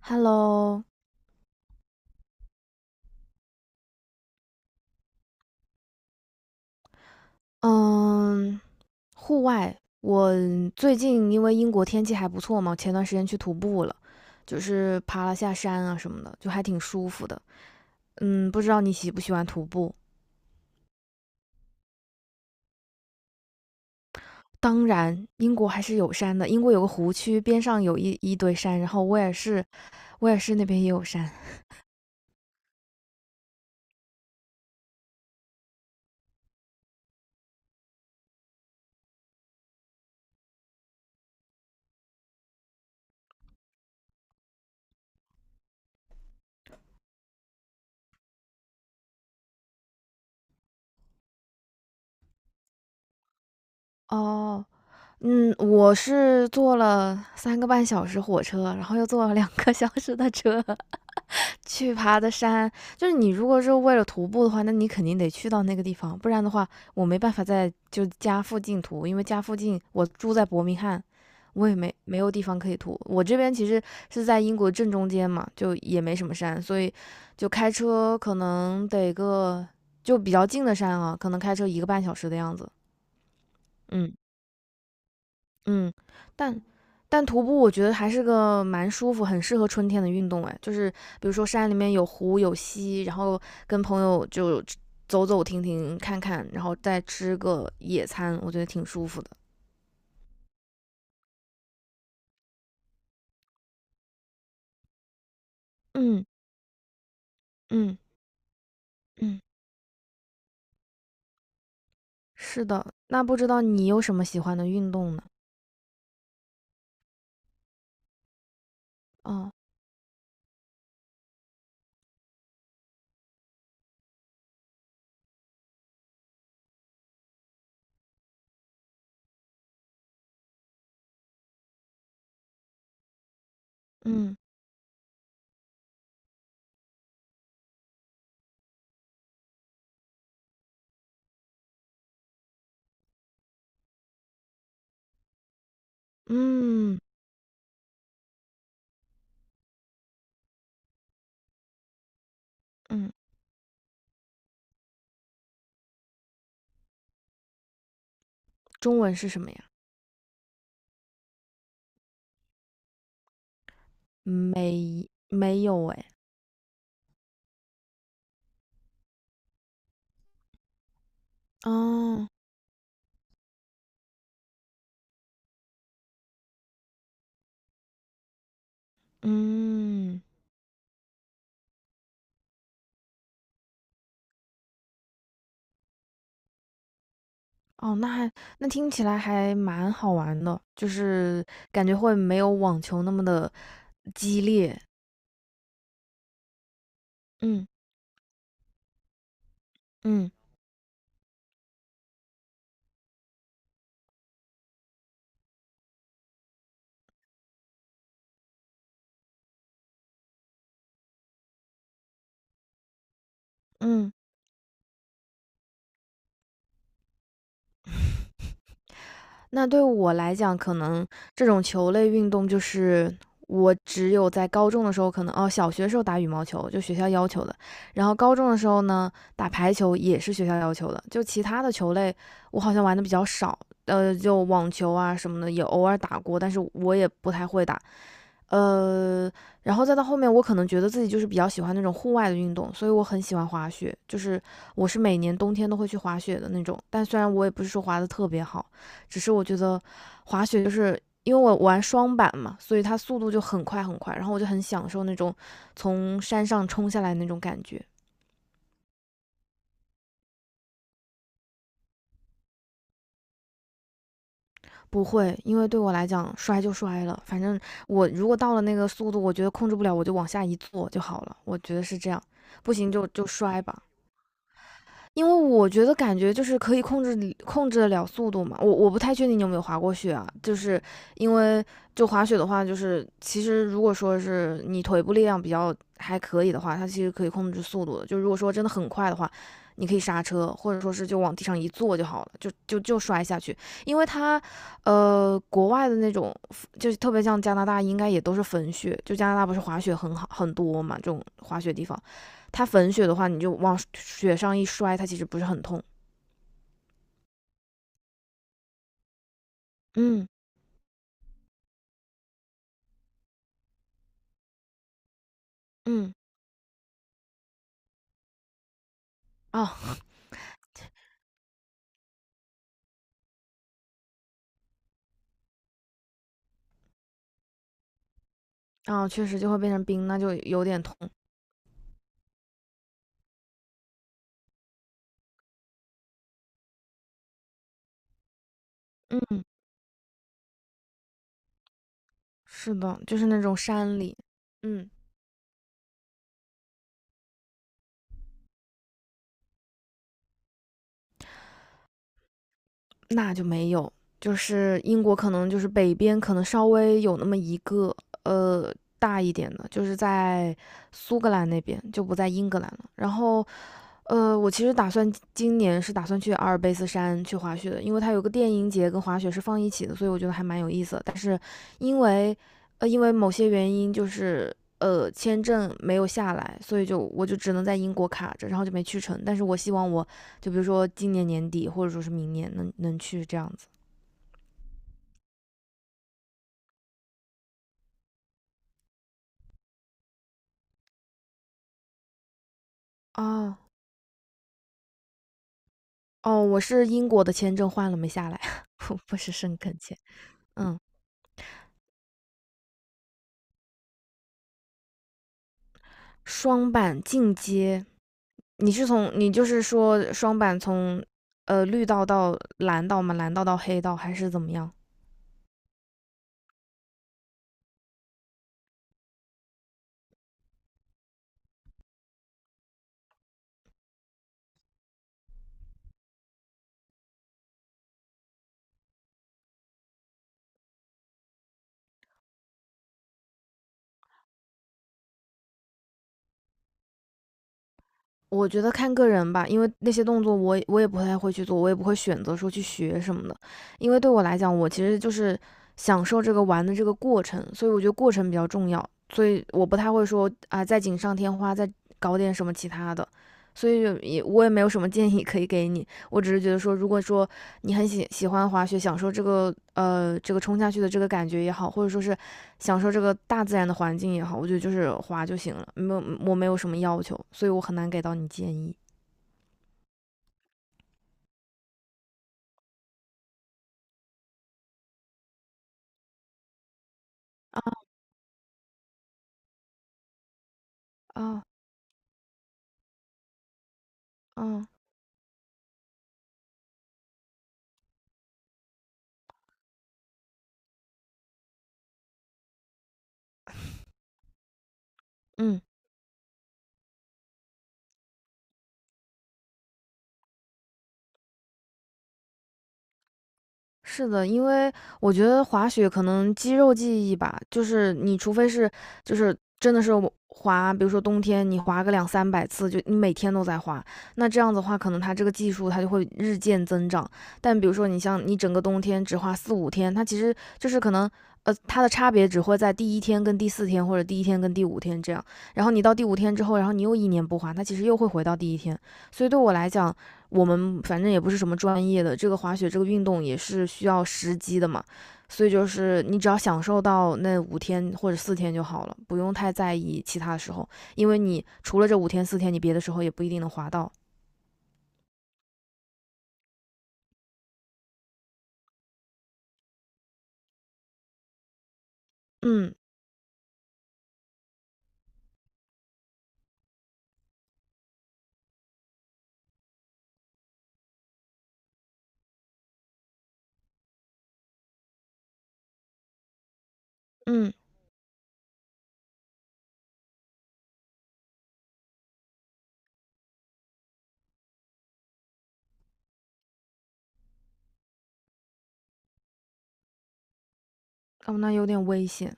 Hello，嗯，户外，我最近因为英国天气还不错嘛，前段时间去徒步了，就是爬了下山啊什么的，就还挺舒服的。嗯，不知道你喜不喜欢徒步？当然，英国还是有山的，英国有个湖区，边上有一堆山，然后威尔士那边也有山。哦，嗯，我是坐了三个半小时火车，然后又坐了两个小时的车。去爬的山，就是你如果是为了徒步的话，那你肯定得去到那个地方，不然的话，我没办法在就家附近徒，因为家附近我住在伯明翰，我也没有地方可以徒。我这边其实是在英国正中间嘛，就也没什么山，所以就开车可能得个就比较近的山啊，可能开车一个半小时的样子。嗯，嗯，但但徒步我觉得还是个蛮舒服、很适合春天的运动哎，就是比如说山里面有湖有溪，然后跟朋友就走走停停看看，然后再吃个野餐，我觉得挺舒服的。嗯嗯嗯，是的。那不知道你有什么喜欢的运动呢？哦，嗯嗯嗯，中文是什么呀？没有哎。哦，嗯。哦，那听起来还蛮好玩的，就是感觉会没有网球那么的激烈。嗯嗯嗯，那对我来讲，可能这种球类运动就是我只有在高中的时候，可能哦，小学时候打羽毛球就学校要求的，然后高中的时候呢打排球也是学校要求的，就其他的球类我好像玩的比较少，就网球啊什么的也偶尔打过，但是我也不太会打。呃，然后再到后面，我可能觉得自己就是比较喜欢那种户外的运动，所以我很喜欢滑雪，就是我是每年冬天都会去滑雪的那种。但虽然我也不是说滑的特别好，只是我觉得滑雪就是因为我玩双板嘛，所以它速度就很快很快，然后我就很享受那种从山上冲下来那种感觉。不会，因为对我来讲，摔就摔了，反正我如果到了那个速度，我觉得控制不了，我就往下一坐就好了，我觉得是这样。不行就摔吧，因为我觉得感觉就是可以控制得了速度嘛。我不太确定你有没有滑过雪啊，就是因为就滑雪的话，就是其实如果说是你腿部力量比较还可以的话，它其实可以控制速度的。就如果说真的很快的话，你可以刹车，或者说是就往地上一坐就好了，就摔下去。因为它，国外的那种就是特别像加拿大，应该也都是粉雪，就加拿大不是滑雪很好很多嘛，这种滑雪地方。它粉雪的话，你就往雪上一摔，它其实不是很痛。嗯嗯，哦哦，确实就会变成冰，那就有点痛。嗯，是的，就是那种山里，嗯，那就没有。就是英国可能就是北边可能稍微有那么一个呃大一点的，就是在苏格兰那边就不在英格兰了。然后我其实打算今年是打算去阿尔卑斯山去滑雪的，因为它有个电音节跟滑雪是放一起的，所以我觉得还蛮有意思的。但是因为因为某些原因，就是签证没有下来，所以就我就只能在英国卡着，然后就没去成。但是我希望我就比如说今年年底或者说是明年能去这样子。哦哦，我是英国的签证换了没下来，不是申根签。嗯，双板进阶，你就是说双板从绿道到蓝道吗？蓝道到黑道还是怎么样？我觉得看个人吧，因为那些动作我也不太会去做，我也不会选择说去学什么的，因为对我来讲，我其实就是享受这个玩的这个过程，所以我觉得过程比较重要，所以我不太会说啊再锦上添花，再搞点什么其他的，所以我也没有什么建议可以给你，我只是觉得说，如果说你很喜欢滑雪，享受这个这个冲下去的这个感觉也好，或者说是享受这个大自然的环境也好，我觉得就是滑就行了，没有我没有什么要求，所以我很难给到你建议啊啊啊。嗯。是的，因为我觉得滑雪可能肌肉记忆吧，就是你除非是就是真的是我滑，比如说冬天你滑个两三百次，就你每天都在滑，那这样子的话，可能它这个技术它就会日渐增长。但比如说你像你整个冬天只滑四五天，它其实就是可能。呃，它的差别只会在第一天跟第四天，或者第一天跟第五天这样。然后你到第五天之后，然后你又一年不滑，它其实又会回到第一天。所以对我来讲，我们反正也不是什么专业的，这个滑雪这个运动也是需要时机的嘛，所以就是你只要享受到那五天或者四天就好了，不用太在意其他的时候，因为你除了这五天四天，你别的时候也不一定能滑到。嗯嗯，哦，那有点危险。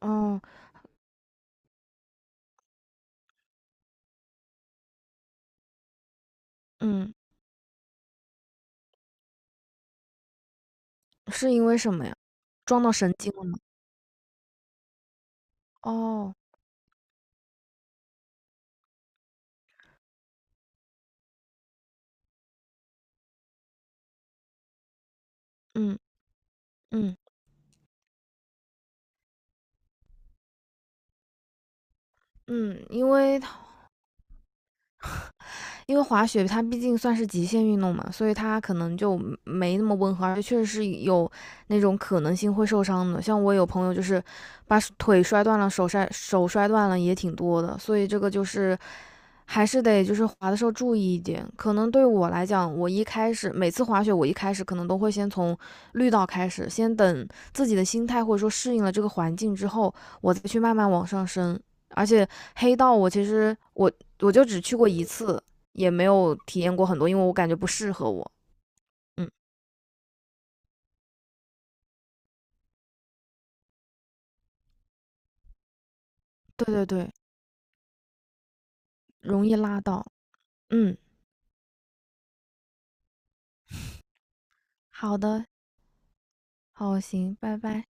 哦，嗯，是因为什么呀？撞到神经了吗？哦，嗯嗯嗯，因为他。因为滑雪它毕竟算是极限运动嘛，所以它可能就没那么温和，而且确实是有那种可能性会受伤的。像我有朋友就是把腿摔断了，手摔断了也挺多的，所以这个就是还是得就是滑的时候注意一点。可能对我来讲，我一开始每次滑雪，我一开始可能都会先从绿道开始，先等自己的心态或者说适应了这个环境之后，我再去慢慢往上升。而且黑道我其实我就只去过一次，也没有体验过很多，因为我感觉不适合我。嗯，对对对，容易拉到。嗯，好的，好，行，拜拜。